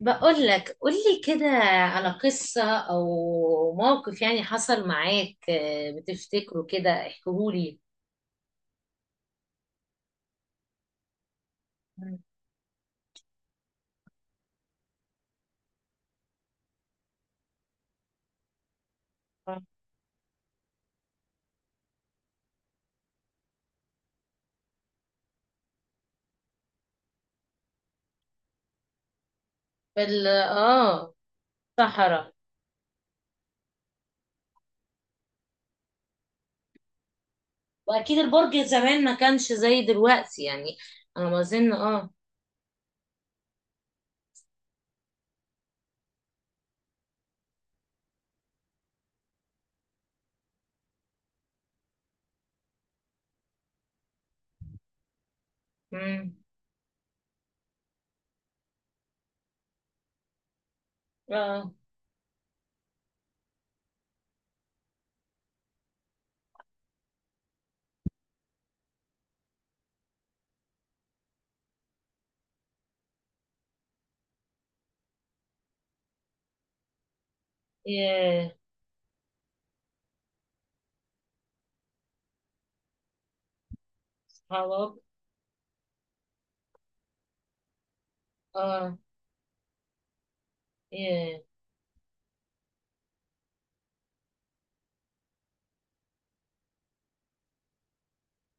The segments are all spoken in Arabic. بقول لك قول لي كده على قصة أو موقف يعني حصل معاك، بتفتكره كده احكيهولي. في صحراء. وأكيد البرج زمان ما كانش زي دلوقتي يعني، أنا ما أظن مم. اه. ياه. صحابك. اه. ياه.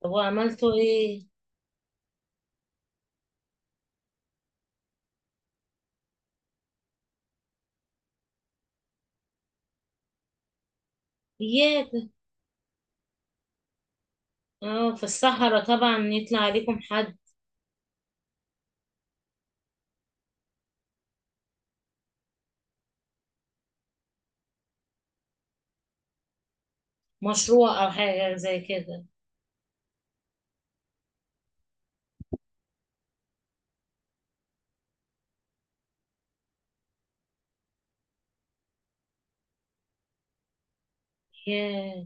طب وعملتوا ايه؟ اياك. اه، في الصحراء طبعا يطلع عليكم حد. مشروع أو حاجة زي كده. ياه.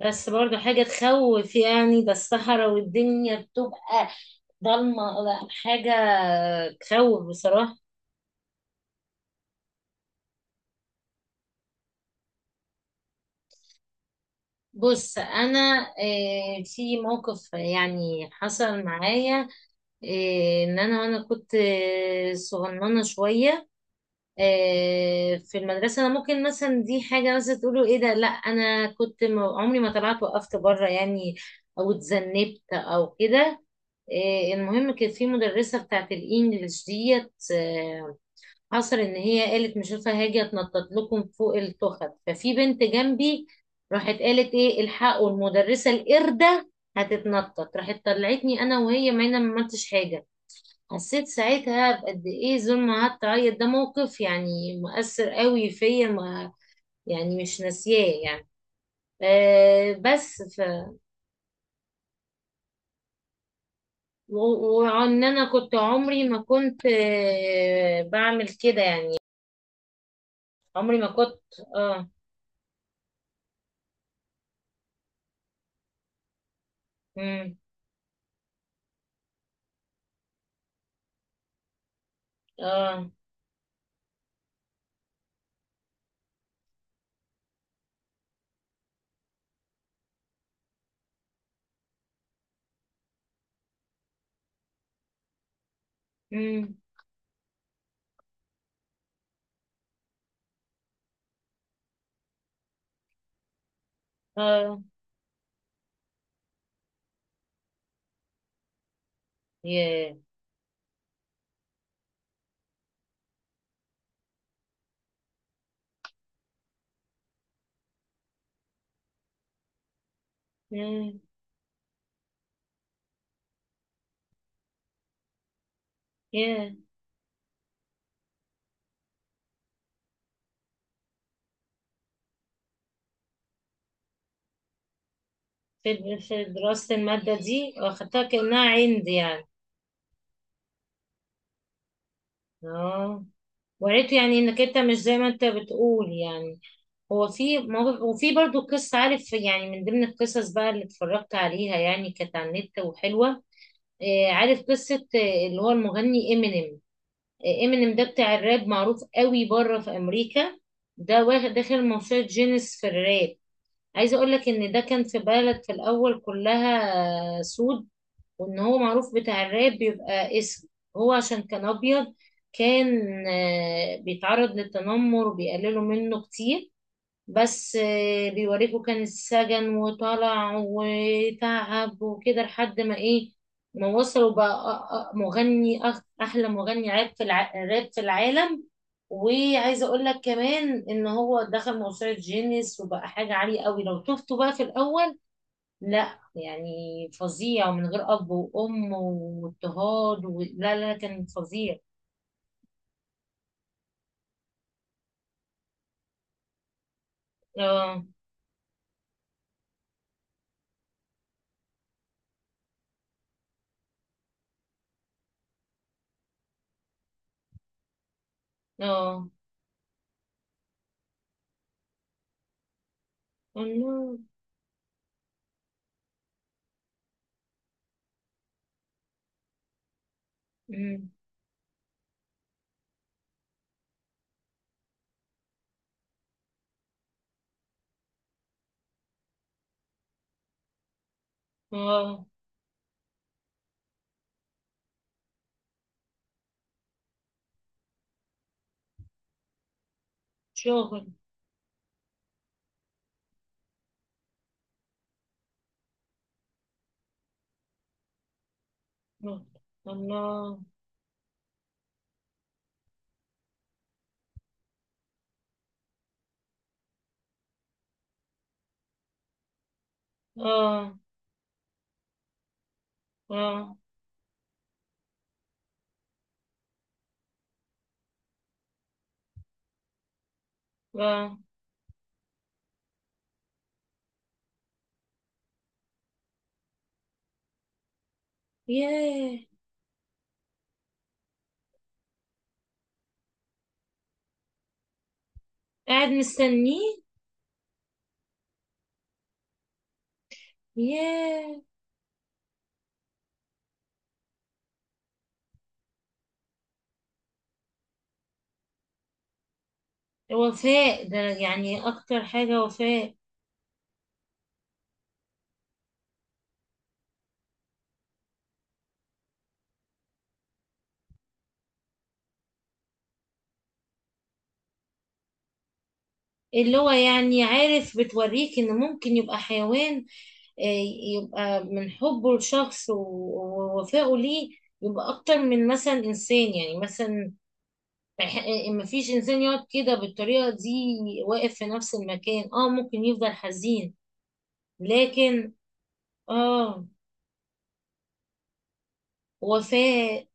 بس برضو حاجة تخوف، يعني ده الصحراء والدنيا بتبقى ضلمة، لا، حاجة تخوف بصراحة. بص أنا، في موقف يعني حصل معايا، إن أنا كنت صغننة شوية، في المدرسة. أنا ممكن مثلا دي حاجة مثلا تقولوا إيه ده، لأ أنا عمري ما طلعت وقفت بره يعني، أو اتذنبت أو كده. المهم كانت في مدرسة بتاعت الإنجليش ديت، حصل إن هي قالت مش عارفة هاجي أتنطط لكم فوق التخت، ففي بنت جنبي راحت قالت إيه، الحقوا المدرسة القردة هتتنطط، راحت طلعتني أنا وهي، ما أنا ما عملتش حاجة. حسيت ساعتها بقد ايه زول، ما قعدت اعيط. ده موقف يعني مؤثر قوي فيا، ما يعني مش ناسياه يعني. آه بس ف وان انا كنت عمري ما كنت بعمل كده يعني، عمري ما كنت. اه. امم. اه. امم. اه. ياه. مم. ياه. في دراسة المادة دي، واخدتها كأنها عندي يعني. اه. وريته يعني انك انت مش زي ما انت بتقول يعني. هو في موقف، وفي برضو قصة عارف، يعني من ضمن القصص بقى اللي اتفرجت عليها، يعني كانت على النت وحلوة. عارف قصة، اللي هو المغني امينيم. امينيم ده بتاع الراب، معروف قوي بره في امريكا. ده واخد داخل موسوعة جينيس في الراب. عايزة اقول لك ان ده كان في بلد في الاول كلها، سود. وان هو معروف بتاع الراب بيبقى اسود، هو عشان كان ابيض، كان بيتعرض للتنمر وبيقللوا منه كتير. بس بيوريكوا كان السجن، وطلع وتعب وكده لحد ما ايه، ما وصل وبقى احلى مغني راب في العالم. وعايزه اقول لك كمان ان هو دخل موسوعه جينيس، وبقى حاجه عاليه قوي لو شفته بقى في الاول. لا يعني فظيع، ومن غير اب وام واضطهاد لا كان فظيع. اه. اه. الله. أمم. اه. شغل. الله. اه. اه. اه. ياه. قاعد مستنيه. ياه. وفاء ده يعني اكتر حاجة وفاء. اللي هو يعني عارف بتوريك ان ممكن يبقى حيوان، آه، يبقى من حبه لشخص ووفائه ليه، يبقى اكتر من مثلا انسان، يعني مثلا ما فيش انسان يقعد كده بالطريقة دي، واقف في نفس المكان، اه ممكن يفضل حزين. لكن. اه. وفاء.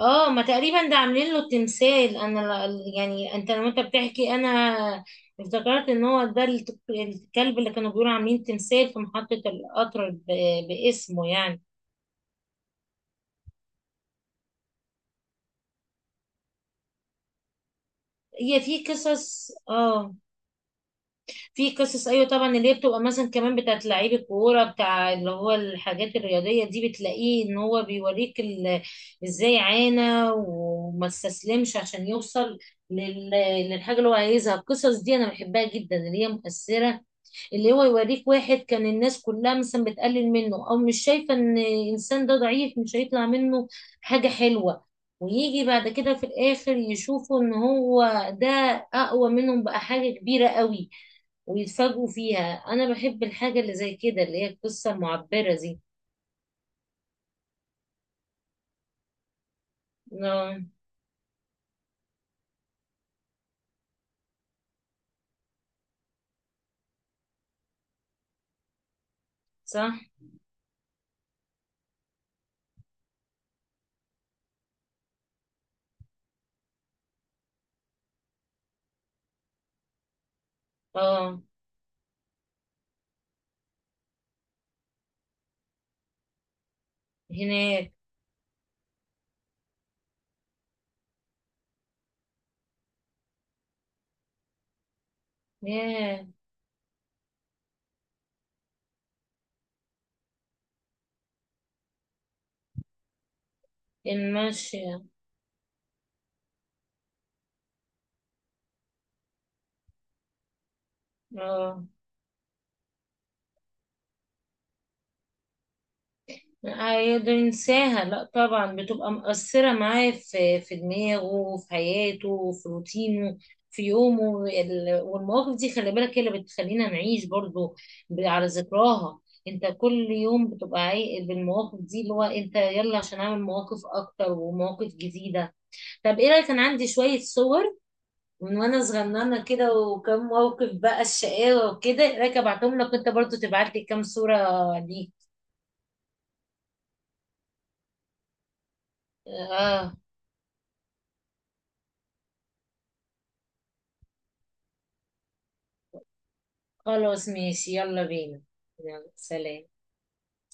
اه ما تقريبا ده عاملين له تمثال. انا يعني انت لما انت بتحكي، انا افتكرت ان هو ده الكلب اللي كانوا بيقولوا عاملين تمثال في محطة القطر باسمه يعني. هي في قصص، اه في قصص، ايوه طبعا، اللي هي بتبقى مثلا كمان بتاعت لعيب الكوره بتاع، اللي هو الحاجات الرياضيه دي، بتلاقيه ان هو بيوريك ازاي عانى وما استسلمش عشان يوصل لل- للحاجه اللي هو عايزها. القصص دي انا بحبها جدا، اللي هي مؤثره، اللي هو يوريك واحد كان الناس كلها مثلا بتقلل منه او مش شايفه ان الانسان ده ضعيف مش هيطلع منه حاجه حلوه، ويجي بعد كده في الاخر يشوفوا ان هو ده اقوى منهم، بقى حاجه كبيره قوي، ويتفاجئوا فيها. انا بحب الحاجه اللي زي كده، اللي هي القصه المعبره دي. اه. صح. اه. هناك. ياه. الماشيه. اه هيقدر ينساها، لا طبعا بتبقى مؤثره معاه في في دماغه، في حياته، في روتينه، في يومه والمواقف دي خلي بالك هي اللي بتخلينا نعيش برضو على ذكراها. انت كل يوم بتبقى عايق بالمواقف دي، اللي هو انت يلا عشان اعمل مواقف اكتر ومواقف جديده. طب ايه رأيك، انا عندي شوية صور من وانا صغننة كده، وكم موقف بقى الشقاوة وكده، ايه رأيك ابعتهم لك وانت برضو تبعت لي كام صورة ليك؟ اه. خلاص ماشي، يلا بينا. يلا سلام.